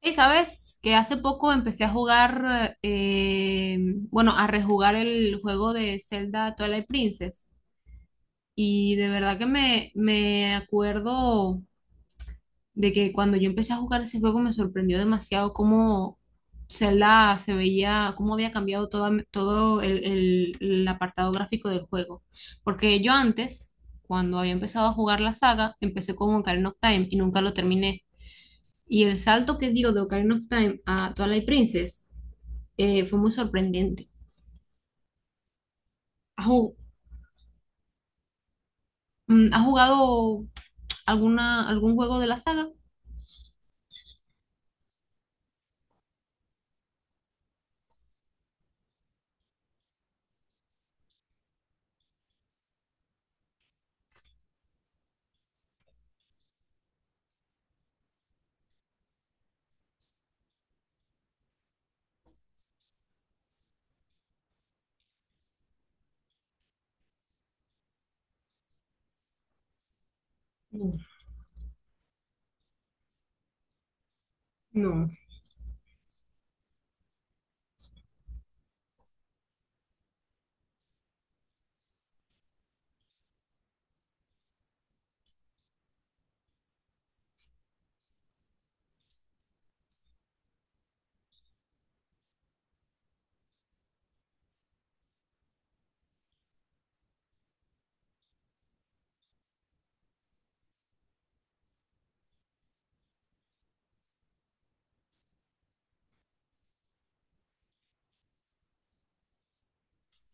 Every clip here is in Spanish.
Y sabes que hace poco empecé a jugar, bueno, a rejugar el juego de Zelda Twilight Princess. Y de verdad que me acuerdo de que cuando yo empecé a jugar ese juego me sorprendió demasiado cómo Zelda se veía, cómo había cambiado todo el apartado gráfico del juego. Porque yo antes, cuando había empezado a jugar la saga, empecé con Ocarina of Time y nunca lo terminé. Y el salto que dio de Ocarina of Time a Twilight Princess fue muy sorprendente. ¿Has, ju- has jugado algún juego de la saga? Uf. No.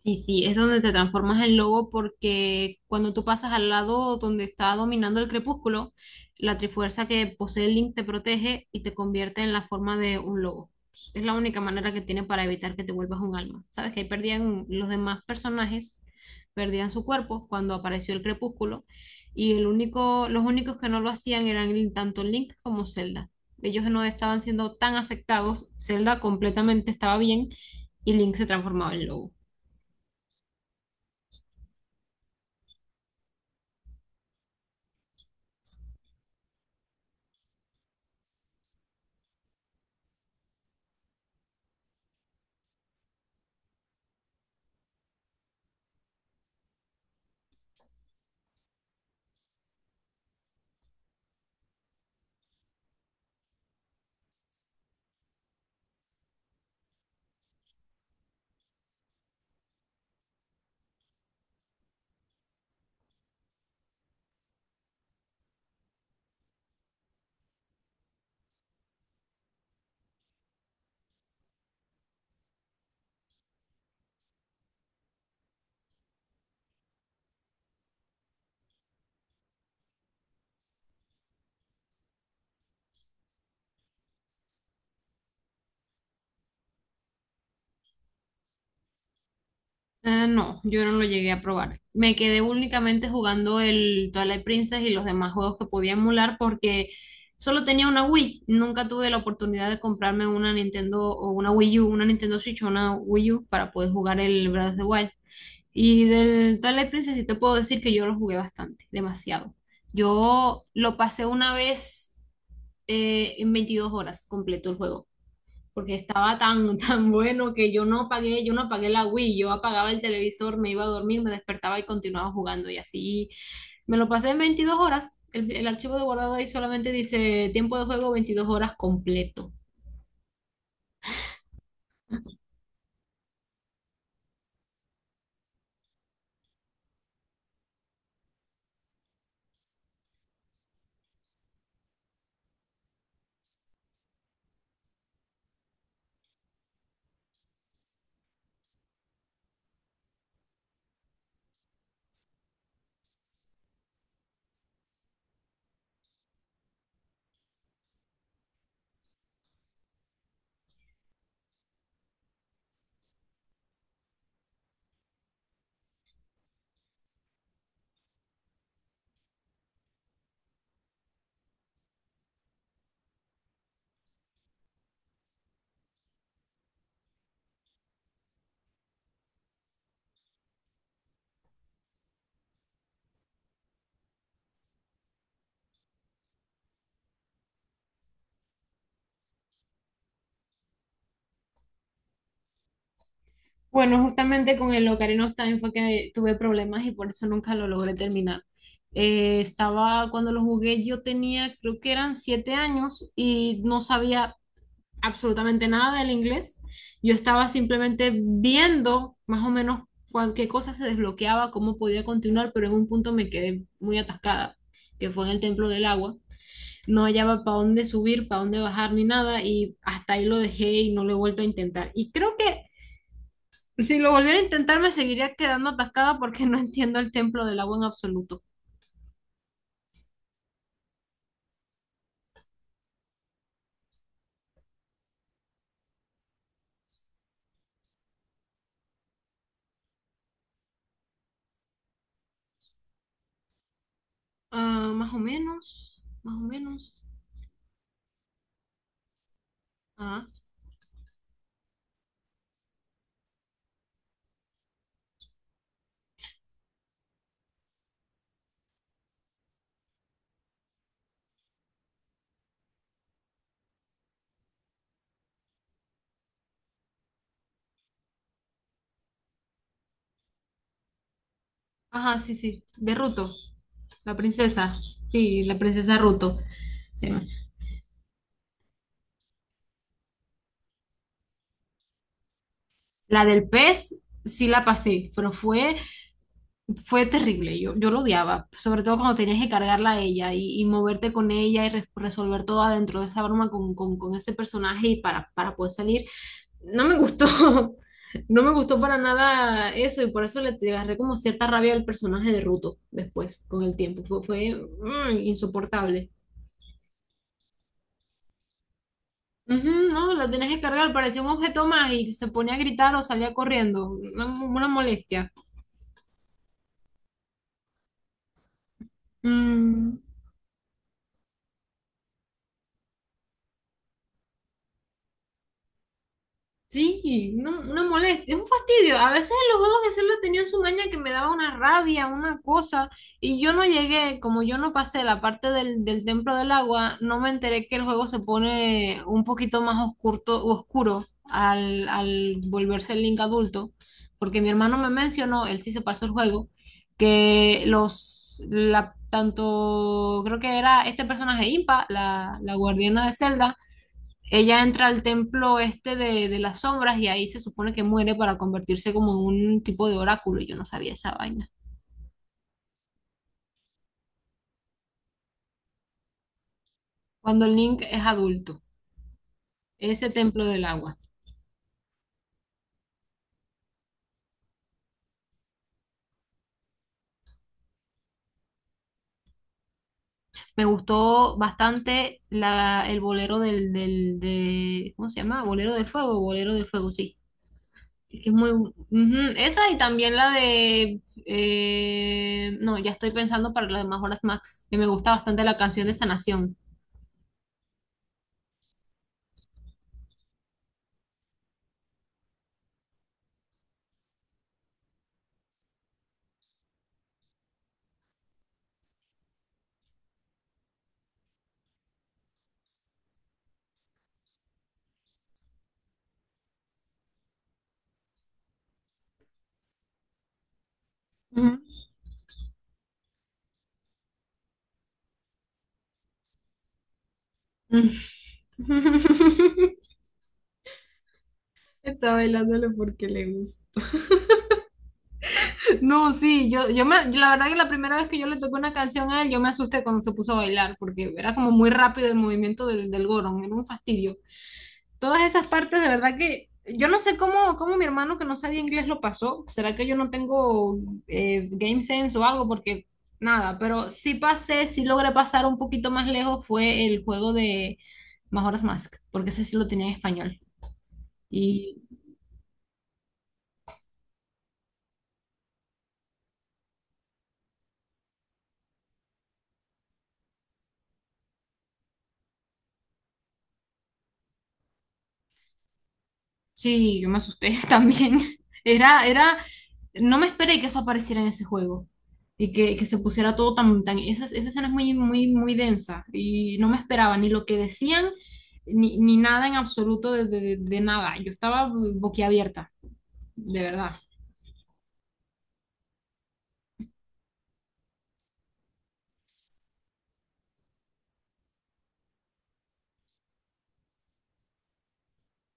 Sí, sí, es donde te transformas en lobo porque cuando tú pasas al lado donde está dominando el crepúsculo, la trifuerza que posee Link te protege y te convierte en la forma de un lobo. Es la única manera que tiene para evitar que te vuelvas un alma. Sabes que ahí perdían los demás personajes, perdían su cuerpo cuando apareció el crepúsculo y el único, los únicos que no lo hacían eran tanto Link como Zelda. Ellos no estaban siendo tan afectados, Zelda completamente estaba bien y Link se transformaba en lobo. Ah, no, yo no lo llegué a probar. Me quedé únicamente jugando el Twilight Princess y los demás juegos que podía emular porque solo tenía una Wii. Nunca tuve la oportunidad de comprarme una Nintendo o una Wii U, una Nintendo Switch o una Wii U para poder jugar el Breath of the Wild. Y del Twilight Princess sí te puedo decir que yo lo jugué bastante, demasiado. Yo lo pasé una vez en 22 horas, completo el juego porque estaba tan, tan bueno que yo no apagué la Wii, yo apagaba el televisor, me iba a dormir, me despertaba y continuaba jugando y así me lo pasé en 22 horas. El archivo de guardado ahí solamente dice tiempo de juego 22 horas completo. Bueno, justamente con el Ocarina of Time fue que tuve problemas y por eso nunca lo logré terminar. Cuando lo jugué, yo tenía, creo que eran 7 años y no sabía absolutamente nada del inglés. Yo estaba simplemente viendo más o menos qué cosa se desbloqueaba, cómo podía continuar, pero en un punto me quedé muy atascada, que fue en el templo del agua. No hallaba para dónde subir, para dónde bajar ni nada y hasta ahí lo dejé y no lo he vuelto a intentar. Y creo que si lo volviera a intentar me seguiría quedando atascada porque no entiendo el templo del agua en absoluto. Ah, más o menos, más o menos. Ah, ajá, sí, sí, de Ruto, la princesa. Sí, la princesa Ruto. Sí. La del pez sí la pasé, pero fue terrible. Yo lo odiaba, sobre todo cuando tenías que cargarla a ella y moverte con ella y resolver todo adentro de esa broma con ese personaje y para poder salir. No me gustó, no me gustó para nada eso y por eso le te agarré como cierta rabia al personaje de Ruto después, con el tiempo. Fue insoportable. Ujú, no, la tenías que cargar, parecía un objeto más y se ponía a gritar o salía corriendo. Una molestia. Mm. Sí, no, no moleste, es un fastidio. A veces en los juegos de celular tenían su maña que me daba una rabia, una cosa, y yo no llegué, como yo no pasé la parte del templo del agua, no me enteré que el juego se pone un poquito más oscuro al volverse el Link adulto, porque mi hermano me mencionó, él sí se pasó el juego, que creo que era este personaje Impa, la guardiana de Zelda, ella entra al templo este de las sombras y ahí se supone que muere para convertirse como en un tipo de oráculo. Yo no sabía esa vaina. Cuando Link es adulto, ese templo del agua. Me gustó bastante el bolero ¿cómo se llama? Bolero del fuego, sí. Es que es muy. Ujú. Esa y también la de. No ya estoy pensando para las demás horas Max, que me gusta bastante la canción de Sanación. Ujú. Está bailándolo porque le gusta. No, sí, yo la verdad que la primera vez que yo le toqué una canción a él, yo me asusté cuando se puso a bailar, porque era como muy rápido el movimiento del gorón, era un fastidio. Todas esas partes, de verdad que yo no sé cómo mi hermano que no sabía inglés lo pasó. ¿Será que yo no tengo game sense o algo? Porque nada, pero sí pasé, sí logré pasar un poquito más lejos fue el juego de Majora's Mask, porque ese sí lo tenía en español. Y sí, yo me asusté también. Era, era, no me esperé que eso apareciera en ese juego y que se pusiera todo. Esa escena es muy, muy, muy densa y no me esperaba ni lo que decían ni nada en absoluto de nada. Yo estaba boquiabierta, de verdad.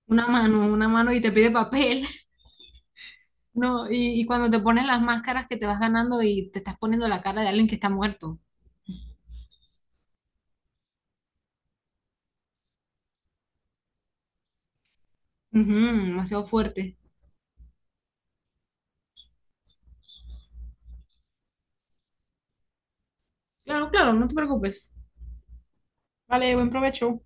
Una mano y te pide papel, ¿no? Y cuando te pones las máscaras que te vas ganando y te estás poniendo la cara de alguien que está muerto. Ujú, demasiado fuerte. Claro, claro, no te preocupes. Vale, buen provecho.